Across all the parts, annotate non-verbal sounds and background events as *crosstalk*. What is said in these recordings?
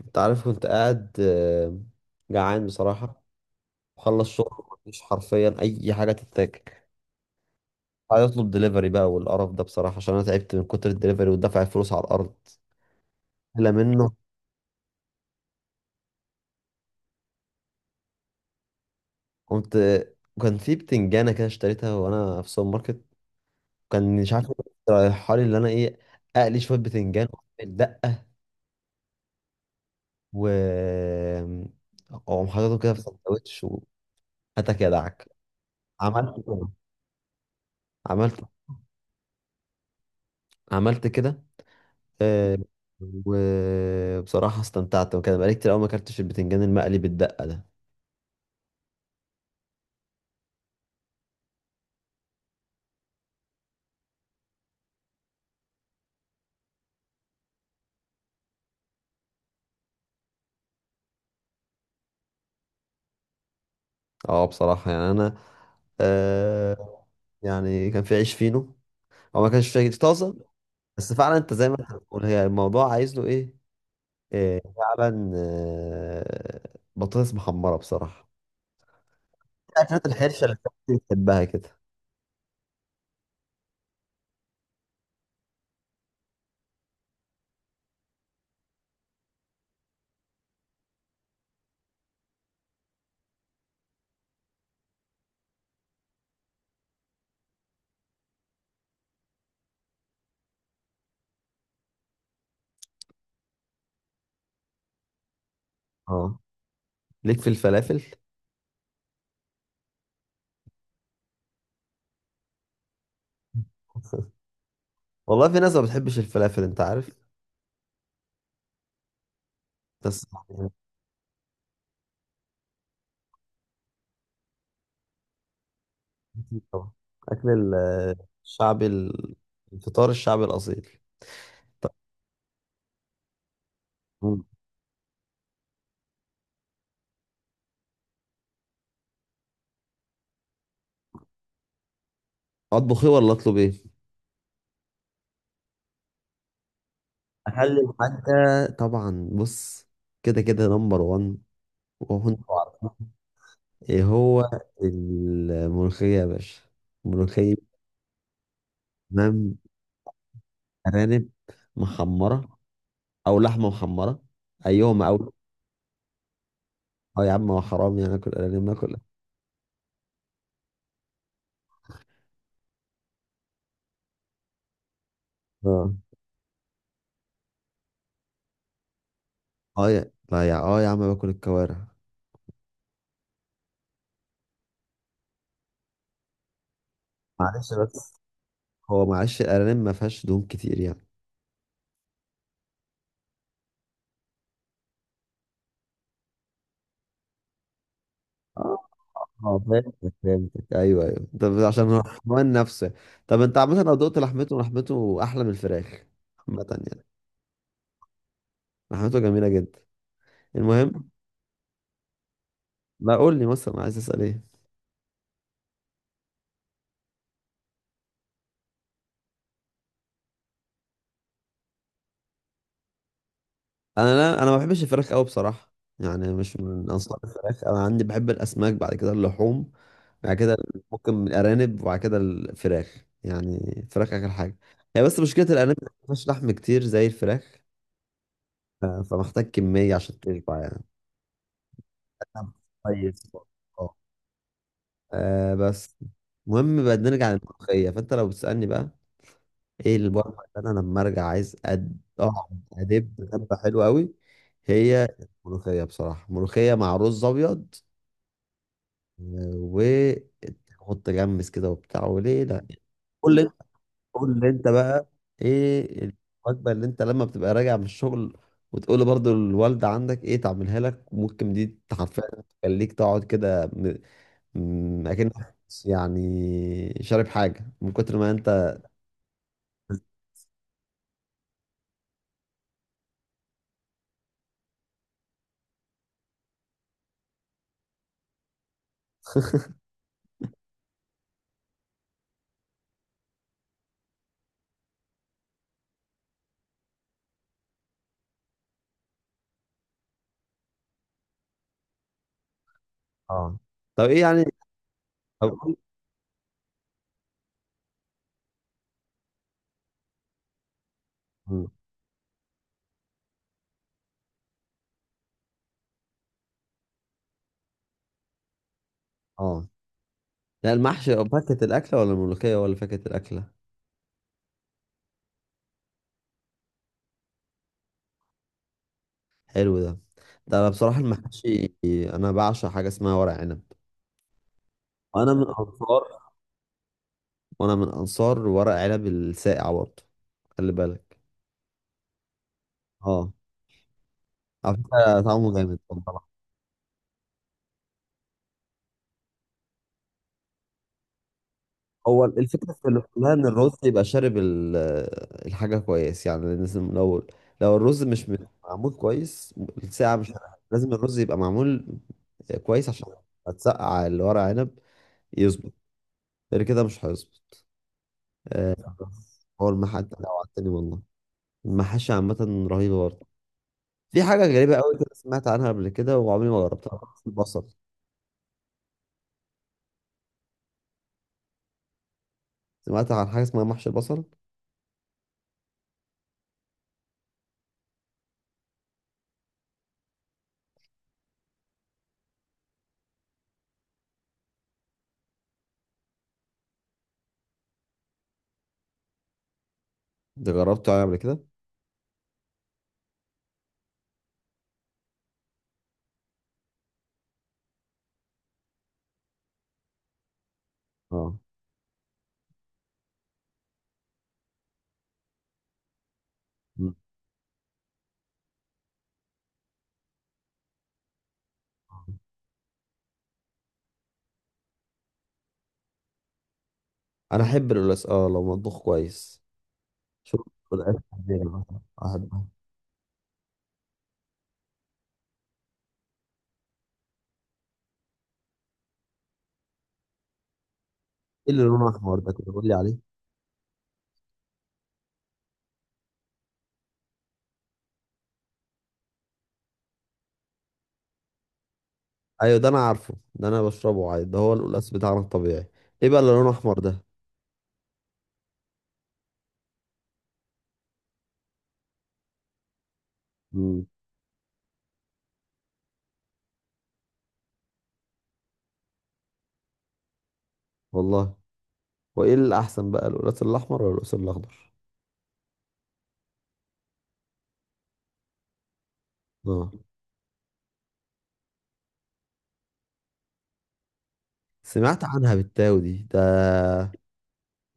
انت عارف كنت قاعد جعان بصراحة. وخلص شغل، مفيش حرفيا أي حاجة تتاكل. عايز أطلب دليفري بقى والقرف ده بصراحة، عشان أنا تعبت من كتر الدليفري ودفع الفلوس على الأرض. لا منه. قمت، كان في بتنجانة كده اشتريتها وأنا في السوبر ماركت. كان مش عارف رايحة لي اللي أنا إيه. أقلي شوية بتنجان وأعمل دقة، و أقوم حاططهم كده في سندوتش. وهاتك يا دعك، عملت كده، عملت عملت كده. آه، وبصراحة استمتعت، وكان بقالي كتير أوي ما أكلتش البتنجان المقلي بالدقة ده. اه، بصراحة يعني أنا آه يعني كان في عيش فينو، هو ما كانش فيه طازة. بس فعلا أنت زي ما أنت بتقول، هي الموضوع عايز له إيه؟ فعلا بطاطس محمرة بصراحة. الأكلات الحرشة اللي الناس بتحبها كده. اه، ليك في الفلافل. *laughs* والله في ناس ما بتحبش الفلافل أنت عارف، بس يعني. أكيد طبعا. أكل الشعبي الفطار الشعبي الأصيل. طب، أطبخ إيه ولا أطلب إيه؟ أخلي الحاجة. طبعا بص، كده كده نمبر 1، وهو أنت عارفه. إيه هو؟ الملوخية يا باشا، ملوخية. تمام. أرانب محمرة أو لحمة محمرة، أيهما أو. أه يا عم، هو حرام يعني آكل أرانب ناكل؟ اه اه، يا لا يا اه يا عم باكل الكوارع. معلش بس، هو معلش الأرانب ما فيهاش دهون كتير يعني. اه، فهمتك فهمتك، ايوه ايوه. طب عشان هو الحمام نفسه. طب انت عامة، لو دقت لحمته، لحمته احلى من الفراخ عامة يعني. لحمته جميلة جدا. المهم. ما قول لي مثلا عايز اسال ايه؟ انا، لا، انا ما بحبش الفراخ قوي بصراحة. يعني مش من انصار الفراخ، انا عندي بحب الاسماك، بعد كده اللحوم. بعد كده ممكن الارانب، وبعد كده الفراخ، يعني الفراخ اخر حاجة. هي بس مشكلة الارانب ما فيهاش لحم كتير زي الفراخ. فمحتاج كمية عشان تشبع يعني. طيب. اه. بس، المهم بقى نرجع للملوخية، فانت لو بتسألني بقى، ايه الوجبة اللي انا لما ارجع عايز اقعد ادب دبة حلوة قوي؟ هي الملوخية بصراحة، ملوخية مع رز ابيض. آه، وحط جمس كده وبتاع، وليه لا؟ قول لي، قول لي انت بقى، ايه الوجبة اللي انت لما بتبقى راجع من الشغل وتقول برضو الوالدة عندك ايه تعملها لك، ممكن دي حرفيا تخليك تقعد كده، اكنك يعني شارب حاجه من كتر ما انت. *laughs* اه، طب ايه يعني. طب، مم. اه، لا، المحشي أو فكة الأكلة ولا الملوخية ولا فكة الأكلة؟ حلو ده. ده أنا بصراحة المحشي، أنا بعشق حاجة اسمها ورق عنب. وأنا من أنصار وأنا من أنصار ورق عنب الساقع برضه، خلي بالك. اه، على فكرة طعمه جامد. هو الفكرة في الاحتمال ان الرز يبقى شارب الحاجة كويس، يعني لازم لو الرز مش معمول كويس الساعة مش هتحرق. لازم الرز يبقى معمول كويس عشان هتسقع اللي ورق عنب يظبط، غير كده مش هيظبط. آه، هو المحل انت جوعتني والله. المحاشي عامة رهيبة برضه. في حاجة غريبة قوي كده سمعت عنها قبل كده وعمري ما جربتها، محشي البصل. سمعت عن حاجة اسمها محشي البصل. انت جربته يعني قبل كده؟ اه. مم. انا احب القلقاس، اه، لو مطبوخ كويس. شوف، الآخر مثلا واحد واحد. ايه اللي لونه احمر ده؟ كده قول لي عليه. ايوه، ده انا عارفه، ده انا بشربه عادي، ده هو القلقاس بتاعنا الطبيعي. ايه بقى اللي لونه احمر ده؟ امم والله. وايه الاحسن بقى، القلقاس الاحمر ولا القلقاس الاخضر؟ اه، سمعت عنها بالتاو دي ده،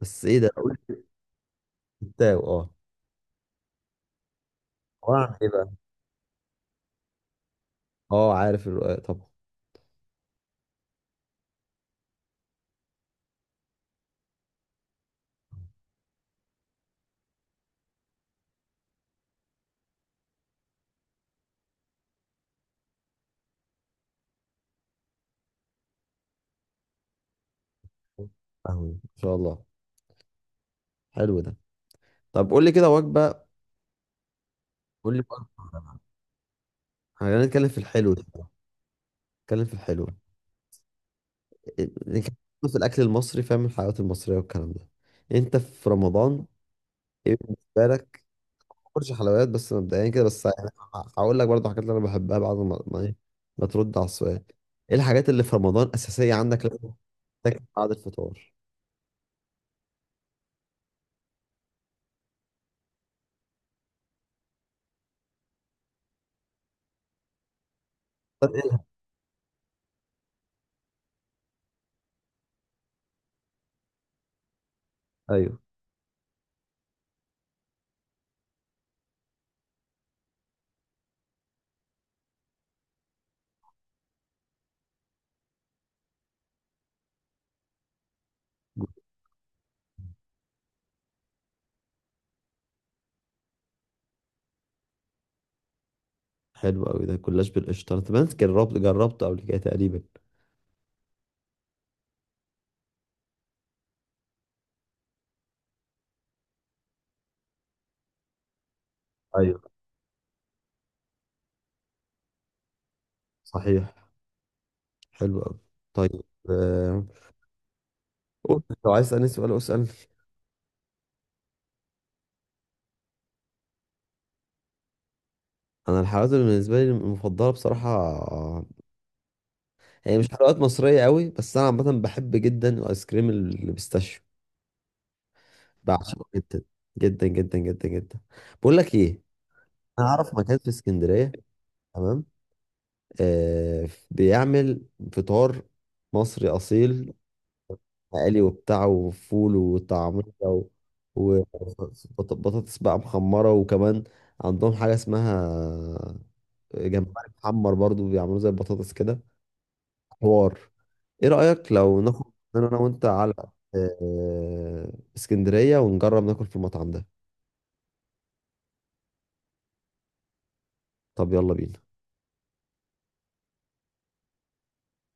بس ايه ده قلت؟ بالتاو، اه، عبارة عن ايه بقى؟ اه، عارف الرقاق طبعا. فاهمه ان شاء الله. حلو ده. طب قول لي كده وجبه. قول لي وجبة. احنا هنتكلم في الحلو ده، نتكلم في الحلو. يعني كان في الأكل المصري، فاهم، الحلويات المصرية والكلام ده. أنت في رمضان، إيه بالنسبة لك؟ مش حلويات بس مبدئيا كده، بس يعني هقول لك برضه حاجات اللي أنا بحبها، بعد ما إيه ما ترد على السؤال. إيه الحاجات اللي في رمضان أساسية عندك لازم تاكل بعد الفطار؟ طب إيه أيوه. حلو أوي ده، كلاش بالقشطة، أنت بنت جربته قبل كده تقريبا؟ أيوه، صحيح. حلو أوي. طيب، آه، قول لو عايز تسألني سؤال اسألني. أنا الحلويات اللي بالنسبة لي المفضلة بصراحة، هي مش حلويات مصرية قوي، بس أنا عامة بحب جدا الآيس كريم اللي بيستاشيو. بعشقه جدا جدا جدا جدا جدا. بقول لك إيه؟ أنا أعرف مكان في اسكندرية، تمام، بيعمل فطار مصري أصيل، مقلي وبتاع وفول وطعمية وبطاطس بقى محمرة، وكمان عندهم حاجة اسمها جمبري محمر، برضو بيعملوه زي البطاطس كده. حوار، ايه رأيك لو ناخد أنا وانت على آه، اسكندرية ونجرب ناكل في المطعم ده؟ طب، يلا بينا.